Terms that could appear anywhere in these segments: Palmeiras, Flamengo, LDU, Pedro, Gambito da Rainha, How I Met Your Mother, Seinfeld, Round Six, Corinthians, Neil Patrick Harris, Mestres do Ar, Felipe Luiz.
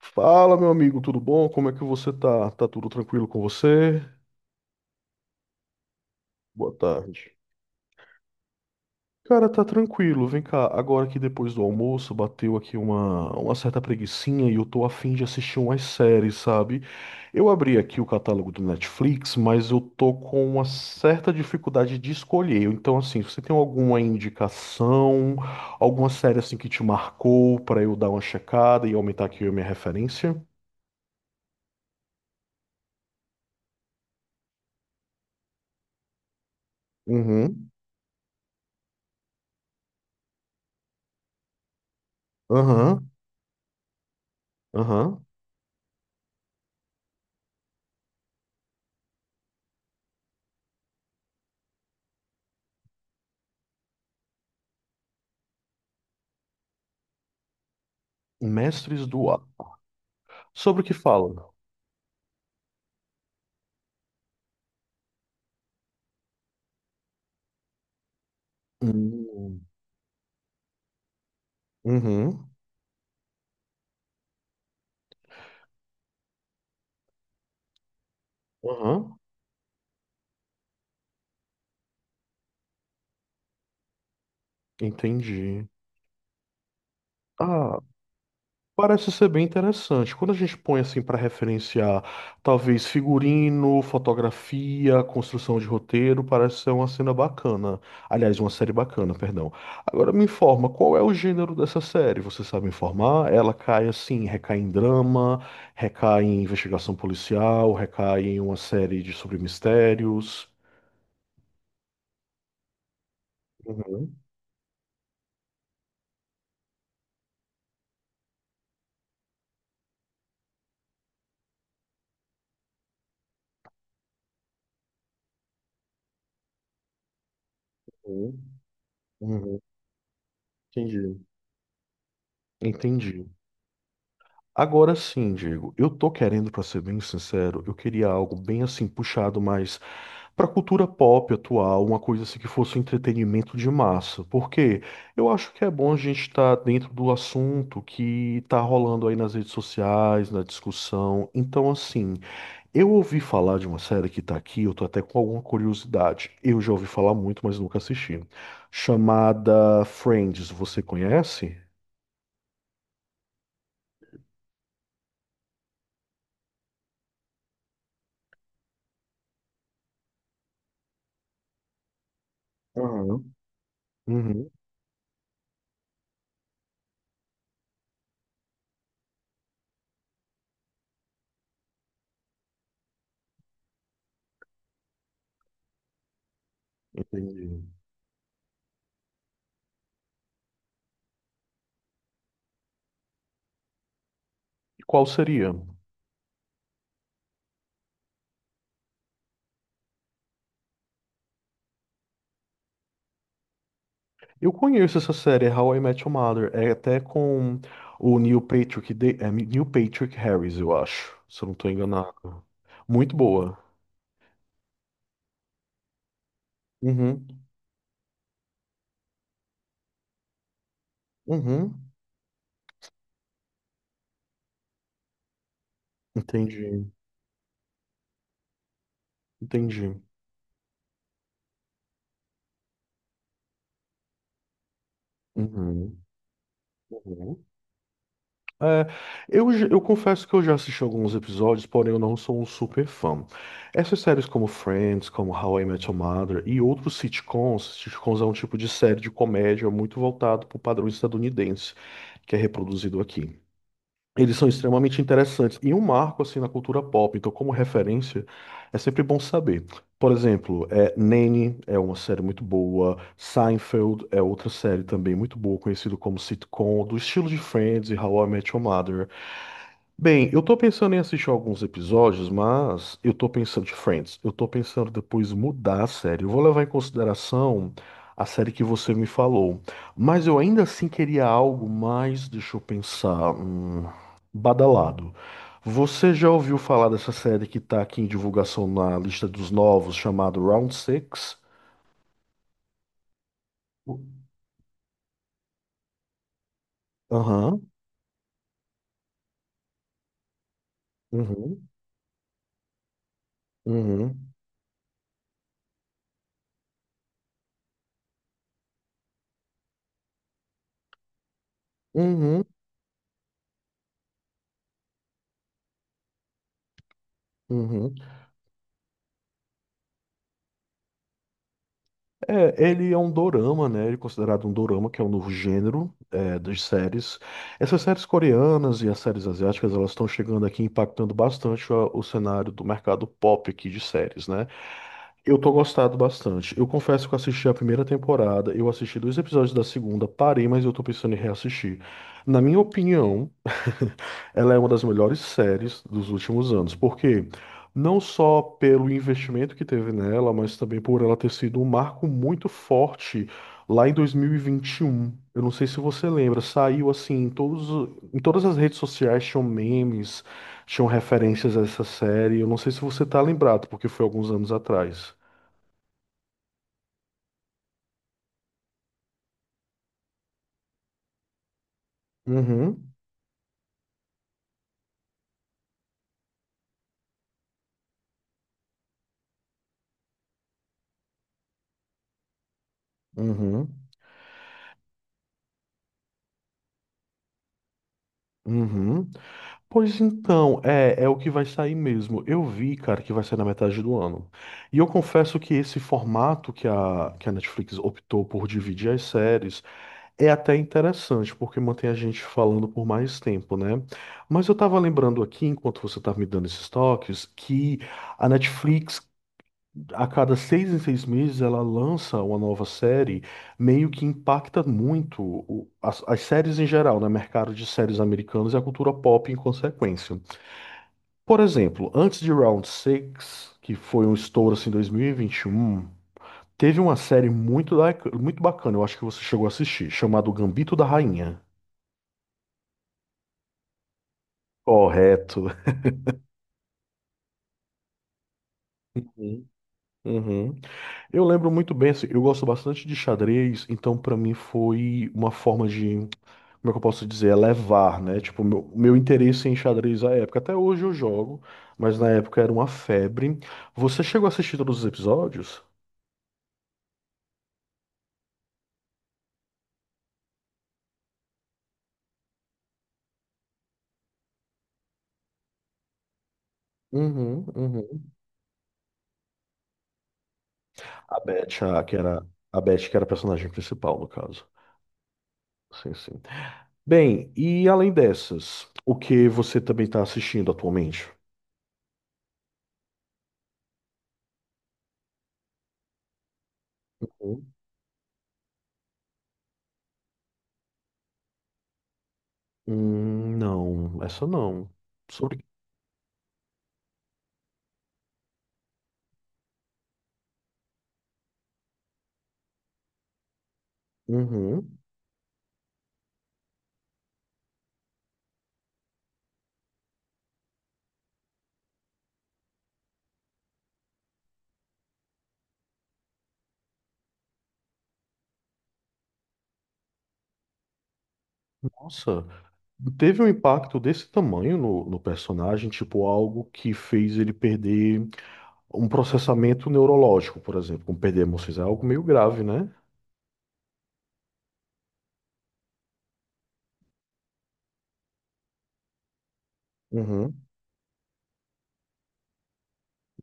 Fala, meu amigo, tudo bom? Como é que você tá? Tá tudo tranquilo com você? Boa tarde. Cara, tá tranquilo. Vem cá, agora que depois do almoço bateu aqui uma certa preguicinha e eu tô afim de assistir umas séries, sabe? Eu abri aqui o catálogo do Netflix, mas eu tô com uma certa dificuldade de escolher. Então, assim, você tem alguma indicação, alguma série assim que te marcou pra eu dar uma checada e aumentar aqui a minha referência? Uhum. Aham. Aham. Mestres do Ar. Sobre o que fala? Hum. Uhum. Uhum. Entendi. Ah, parece ser bem interessante. Quando a gente põe assim para referenciar, talvez figurino, fotografia, construção de roteiro, parece ser uma cena bacana. Aliás, uma série bacana, perdão. Agora me informa, qual é o gênero dessa série? Você sabe me informar? Ela cai assim, recai em drama, recai em investigação policial, recai em uma série de sobre mistérios. Uhum. Uhum. Entendi. Entendi. Agora sim, Diego, eu tô querendo, pra ser bem sincero, eu queria algo bem assim puxado mais pra cultura pop atual, uma coisa assim que fosse um entretenimento de massa, porque eu acho que é bom a gente estar dentro do assunto que tá rolando aí nas redes sociais, na discussão. Então, assim, eu ouvi falar de uma série que tá aqui, eu tô até com alguma curiosidade. Eu já ouvi falar muito, mas nunca assisti. Chamada Friends, você conhece? Aham, uhum, entendi. E qual seria? Eu conheço essa série, How I Met Your Mother. É até com o Neil Patrick, Neil Patrick Harris, eu acho. Se eu não estou enganado. Muito boa. Uhum. Uhum. Entendi. Entendi. Uhum. Uhum. É, eu confesso que eu já assisti alguns episódios, porém eu não sou um super fã. Essas séries como Friends, como How I Met Your Mother e outros sitcoms, sitcoms é um tipo de série de comédia muito voltado para o padrão estadunidense, que é reproduzido aqui. Eles são extremamente interessantes e um marco assim na cultura pop, então como referência é sempre bom saber. Por exemplo, Nanny é uma série muito boa, Seinfeld é outra série também muito boa, conhecido como sitcom, do estilo de Friends e How I Met Your Mother. Bem, eu tô pensando em assistir alguns episódios, mas eu tô pensando de Friends. Eu tô pensando depois mudar a série. Eu vou levar em consideração a série que você me falou. Mas eu ainda assim queria algo mais, deixa eu pensar, badalado. Você já ouviu falar dessa série que tá aqui em divulgação na lista dos novos, chamado Round Six? Aham. Uhum. Uhum. Uhum. Uhum. É, ele é um dorama, né? Ele é considerado um dorama, que é um novo gênero das séries. Essas séries coreanas e as séries asiáticas, elas estão chegando aqui impactando bastante o cenário do mercado pop aqui de séries, né? Eu tô gostado bastante. Eu confesso que eu assisti a primeira temporada, eu assisti dois episódios da segunda, parei, mas eu tô pensando em reassistir. Na minha opinião, ela é uma das melhores séries dos últimos anos, porque não só pelo investimento que teve nela, mas também por ela ter sido um marco muito forte lá em dois mil e vinte e um. Eu não sei se você lembra, saiu assim em todos, em todas as redes sociais tinham memes, tinham referências a essa série. Eu não sei se você tá lembrado, porque foi alguns anos atrás. Uhum, uhum, uhum. Pois então, é, é o que vai sair mesmo. Eu vi, cara, que vai sair na metade do ano. E eu confesso que esse formato que que a Netflix optou por dividir as séries é até interessante, porque mantém a gente falando por mais tempo, né? Mas eu tava lembrando aqui, enquanto você tava me dando esses toques, que a Netflix, a cada seis em seis meses, ela lança uma nova série, meio que impacta muito as séries em geral, né? Mercado de séries americanas e a cultura pop em consequência. Por exemplo, antes de Round Six, que foi um estouro assim em 2021, teve uma série muito, muito bacana, eu acho que você chegou a assistir, chamado Gambito da Rainha. Correto. Uhum. Uhum. Eu lembro muito bem, assim, eu gosto bastante de xadrez, então pra mim foi uma forma de, como é que eu posso dizer, elevar, né? Tipo, meu interesse em xadrez à época. Até hoje eu jogo, mas na época era uma febre. Você chegou a assistir todos os episódios? Uhum, uhum. Que era, a Beth, que era a personagem principal, no caso. Sim, sim. Bem, e além dessas, o que você também está assistindo atualmente? Não, essa não. Sobre. Uhum. Nossa, teve um impacto desse tamanho no personagem, tipo algo que fez ele perder um processamento neurológico, por exemplo, como perder emoções, é algo meio grave, né? Uhum,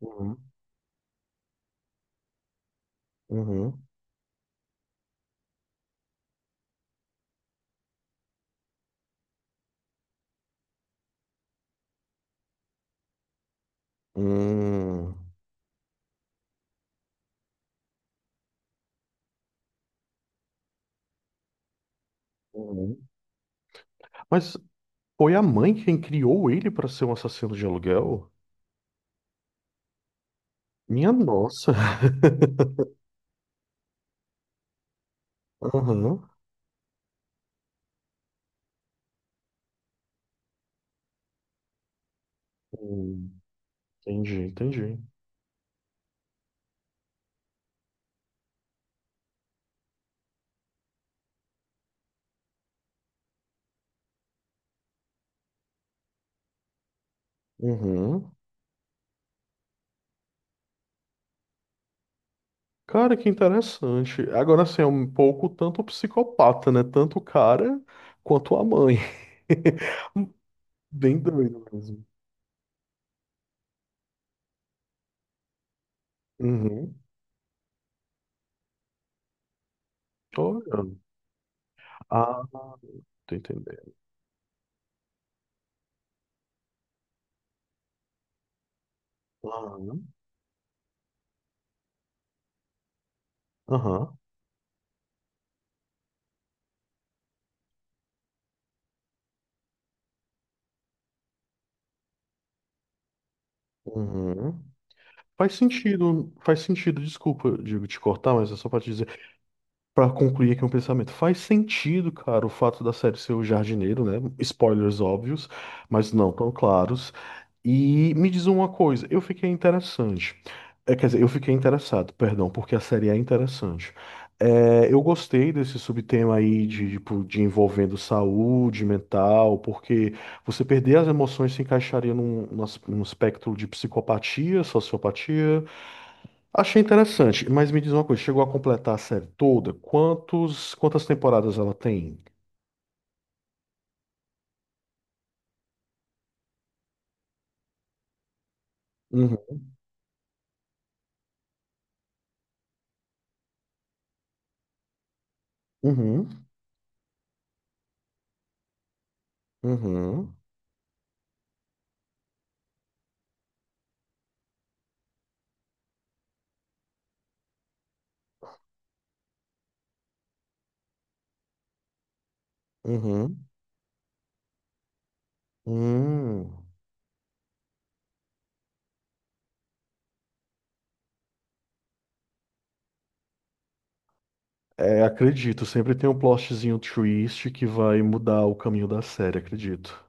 uhum, uhum. Hum, uhum. Mas foi a mãe quem criou ele para ser um assassino de aluguel? Minha nossa. Aham. Hum, entendi, entendi. Uhum. Cara, que interessante. Agora, assim, é um pouco tanto psicopata, né? Tanto o cara quanto a mãe. Bem doido mesmo. Uhum. Olha. Ah, tô entendendo. Aham. Aham. Uhum. Faz sentido, faz sentido. Desculpa, digo, te cortar, mas é só pra te dizer. Pra concluir aqui um pensamento, faz sentido, cara, o fato da série ser o jardineiro, né? Spoilers óbvios, mas não tão claros. E me diz uma coisa, eu fiquei interessante. É, quer dizer, eu fiquei interessado, perdão, porque a série é interessante. É, eu gostei desse subtema aí de, tipo, de envolvendo saúde mental, porque você perder as emoções se encaixaria num num espectro de psicopatia, sociopatia. Achei interessante, mas me diz uma coisa, chegou a completar a série toda? Quantas temporadas ela tem? Uhum, uhum, uhum, uhum. Hum. É, acredito, sempre tem um plotzinho twist que vai mudar o caminho da série, acredito.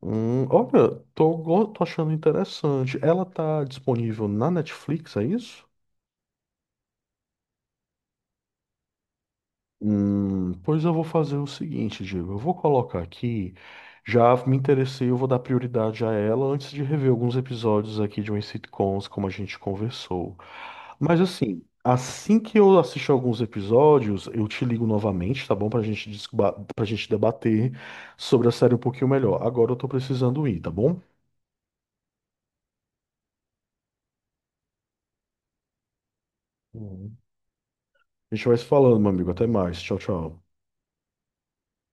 Olha, tô achando interessante. Ela tá disponível na Netflix, é isso? Pois eu vou fazer o seguinte, Diego. Eu vou colocar aqui. Já me interessei, eu vou dar prioridade a ela antes de rever alguns episódios aqui de umas sitcoms, como a gente conversou. Assim que eu assistir alguns episódios, eu te ligo novamente, tá bom? Pra gente, pra gente debater sobre a série um pouquinho melhor. Agora eu tô precisando ir, tá bom? Uhum. A gente vai se falando, meu amigo. Até mais. Tchau, tchau.